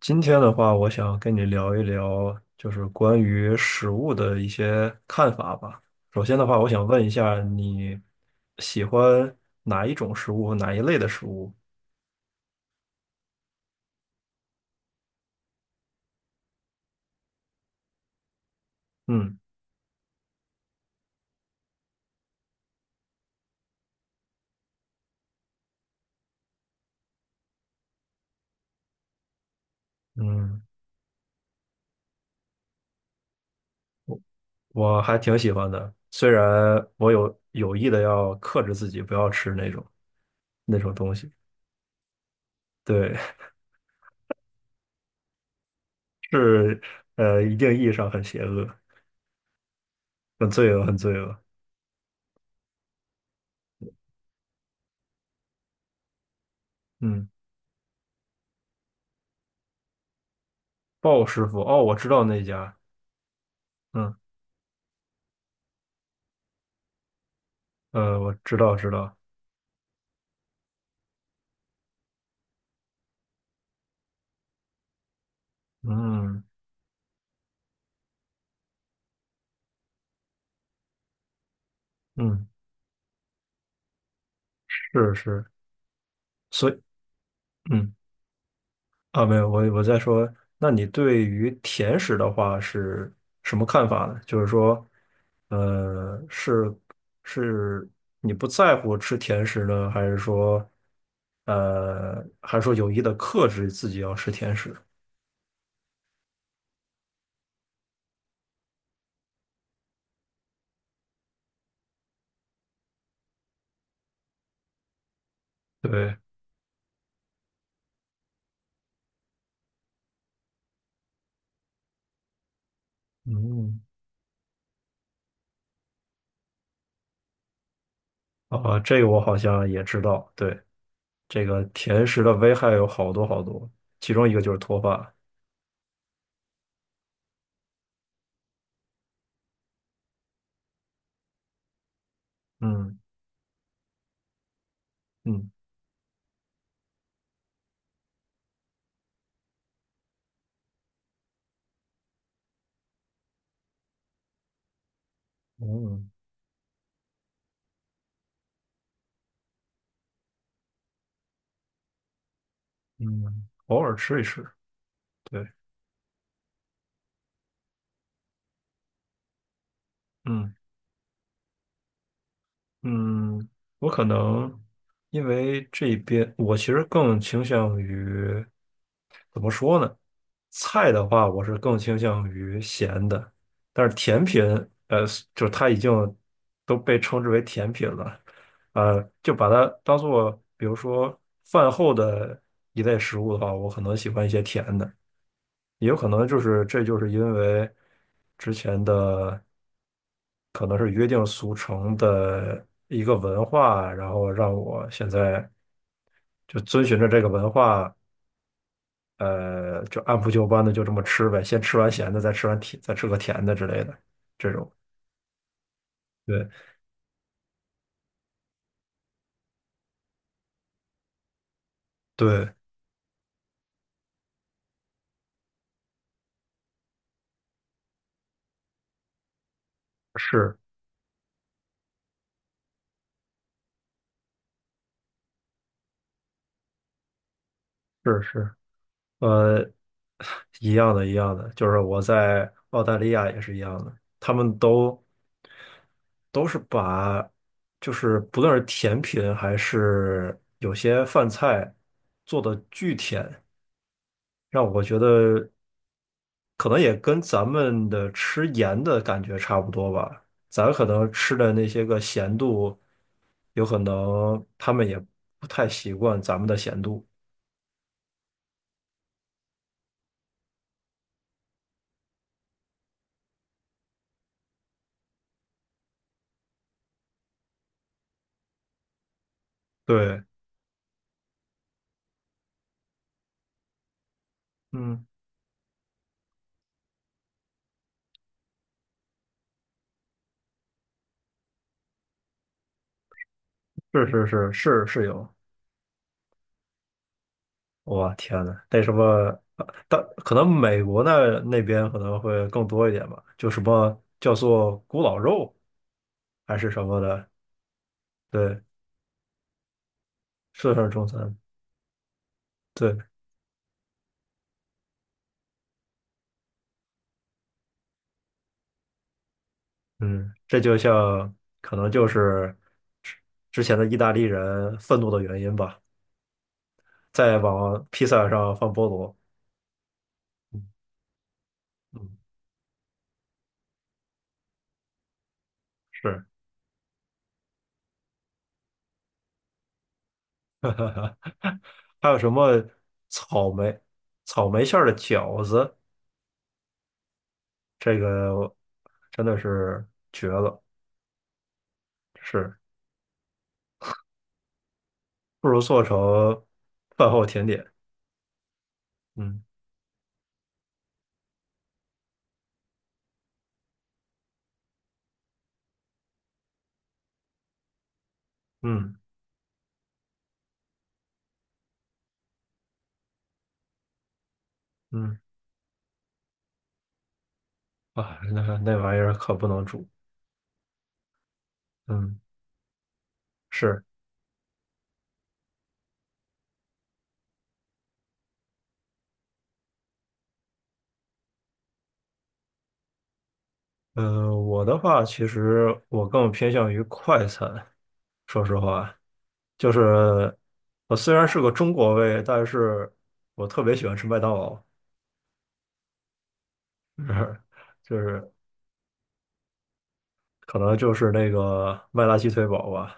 今天的话，我想跟你聊一聊，就是关于食物的一些看法吧。首先的话，我想问一下，你喜欢哪一种食物和哪一类的食物？嗯嗯，我还挺喜欢的，虽然我有意的要克制自己，不要吃那种东西。对，是。一定意义上很邪恶，很罪恶，很罪恶。嗯，鲍师傅，哦，我知道那家。嗯我知道知道，嗯。嗯，是是，所以嗯。没有，我在说，那你对于甜食的话是什么看法呢？就是说，呃，是是你不在乎吃甜食呢，还是说，还是说有意的克制自己要吃甜食？对，嗯。啊，这个我好像也知道，对，这个甜食的危害有好多好多，其中一个就是脱发，嗯嗯。嗯嗯，偶尔吃一吃。对，嗯。嗯，我可能因为这边我其实更倾向于怎么说呢？菜的话，我是更倾向于咸的，但是甜品，呃，就是它已经都被称之为甜品了，呃，就把它当做比如说饭后的一类食物的话，我可能喜欢一些甜的。也有可能就是这就是因为之前的可能是约定俗成的一个文化，然后让我现在就遵循着这个文化，就按部就班的就这么吃呗，先吃完咸的，再吃完甜，再吃个甜的之类的这种。对对，是是是。呃，一样的，一样的，就是我在澳大利亚也是一样的，他们都。都是把就是不论是甜品还是有些饭菜做的巨甜，让我觉得可能也跟咱们的吃盐的感觉差不多吧。咱可能吃的那些个咸度，有可能他们也不太习惯咱们的咸度。对，嗯，是是是是是有。哇，天呐，那什么，但可能美国那边可能会更多一点吧，就什么叫做古老肉还是什么的，对，是算是中餐，对。嗯，这就像可能就是之之前的意大利人愤怒的原因吧，在往披萨上放菠萝，嗯嗯，是，还有什么草莓草莓馅儿的饺子，这个真的是绝了。是，不如做成饭后甜点。嗯嗯嗯，啊，那那玩意儿可不能煮。嗯，是。我的话，其实我更偏向于快餐。说实话，就是我虽然是个中国胃，但是我特别喜欢吃麦当劳，就是就是可能就是那个麦辣鸡腿堡吧。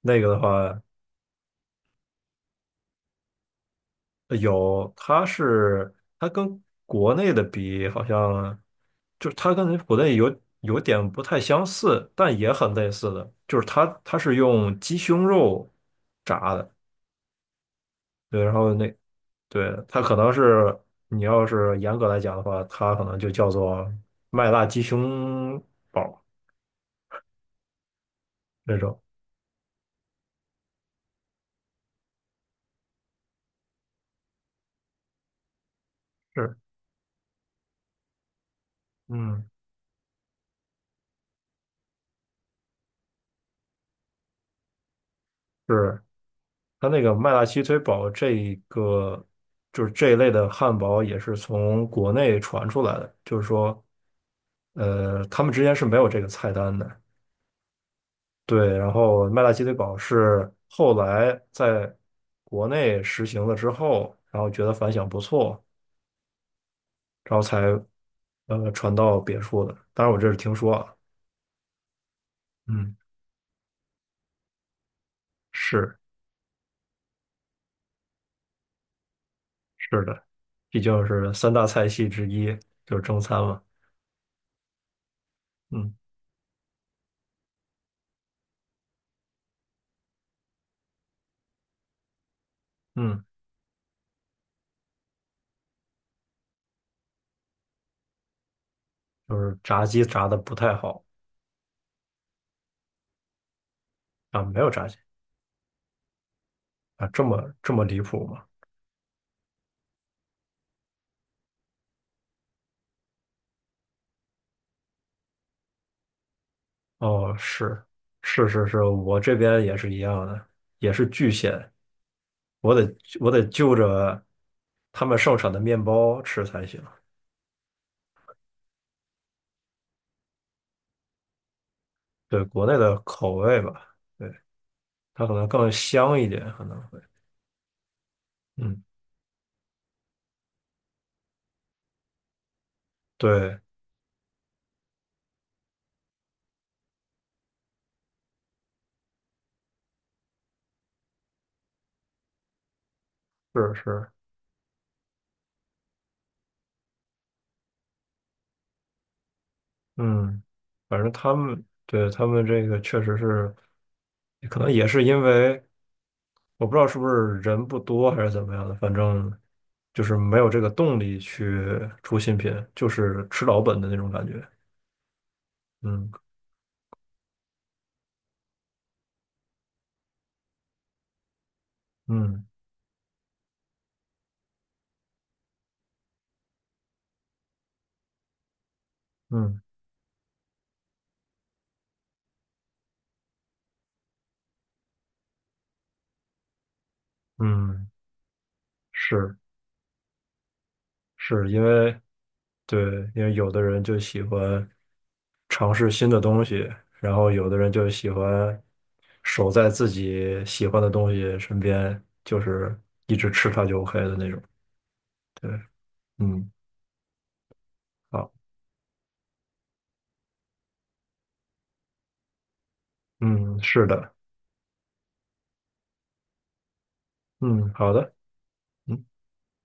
那个的话，有，它是它跟国内的比，好像就是它跟国内有点不太相似，但也很类似的，就是它是用鸡胸肉炸的，对，然后那对它可能是你要是严格来讲的话，它可能就叫做麦辣鸡胸堡那种，是，嗯，是。它那个麦辣鸡腿堡这一个就是这一类的汉堡也是从国内传出来的，就是说，他们之间是没有这个菜单的。对，然后麦辣鸡腿堡是后来在国内实行了之后，然后觉得反响不错，然后才传到别处的。当然，我这是听说啊，嗯，是是的，毕竟是三大菜系之一，就是中餐嘛，嗯嗯，就是炸鸡炸的不太好。啊，没有炸鸡啊，这么这么离谱吗？哦，是是是是，我这边也是一样的，也是巨鲜，我得我得就着他们盛产的面包吃才行。对，国内的口味吧，对，它可能更香一点，可能会，嗯，对，是是，嗯，反正他们对他们这个确实是，可能也是因为我不知道是不是人不多还是怎么样的，反正就是没有这个动力去出新品，就是吃老本的那种感觉。嗯嗯嗯嗯，是是，因为对，因为有的人就喜欢尝试新的东西，然后有的人就喜欢守在自己喜欢的东西身边，就是一直吃它就 OK 的那种。对，嗯，好，嗯，是的，嗯，好的，嗯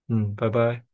嗯，拜拜。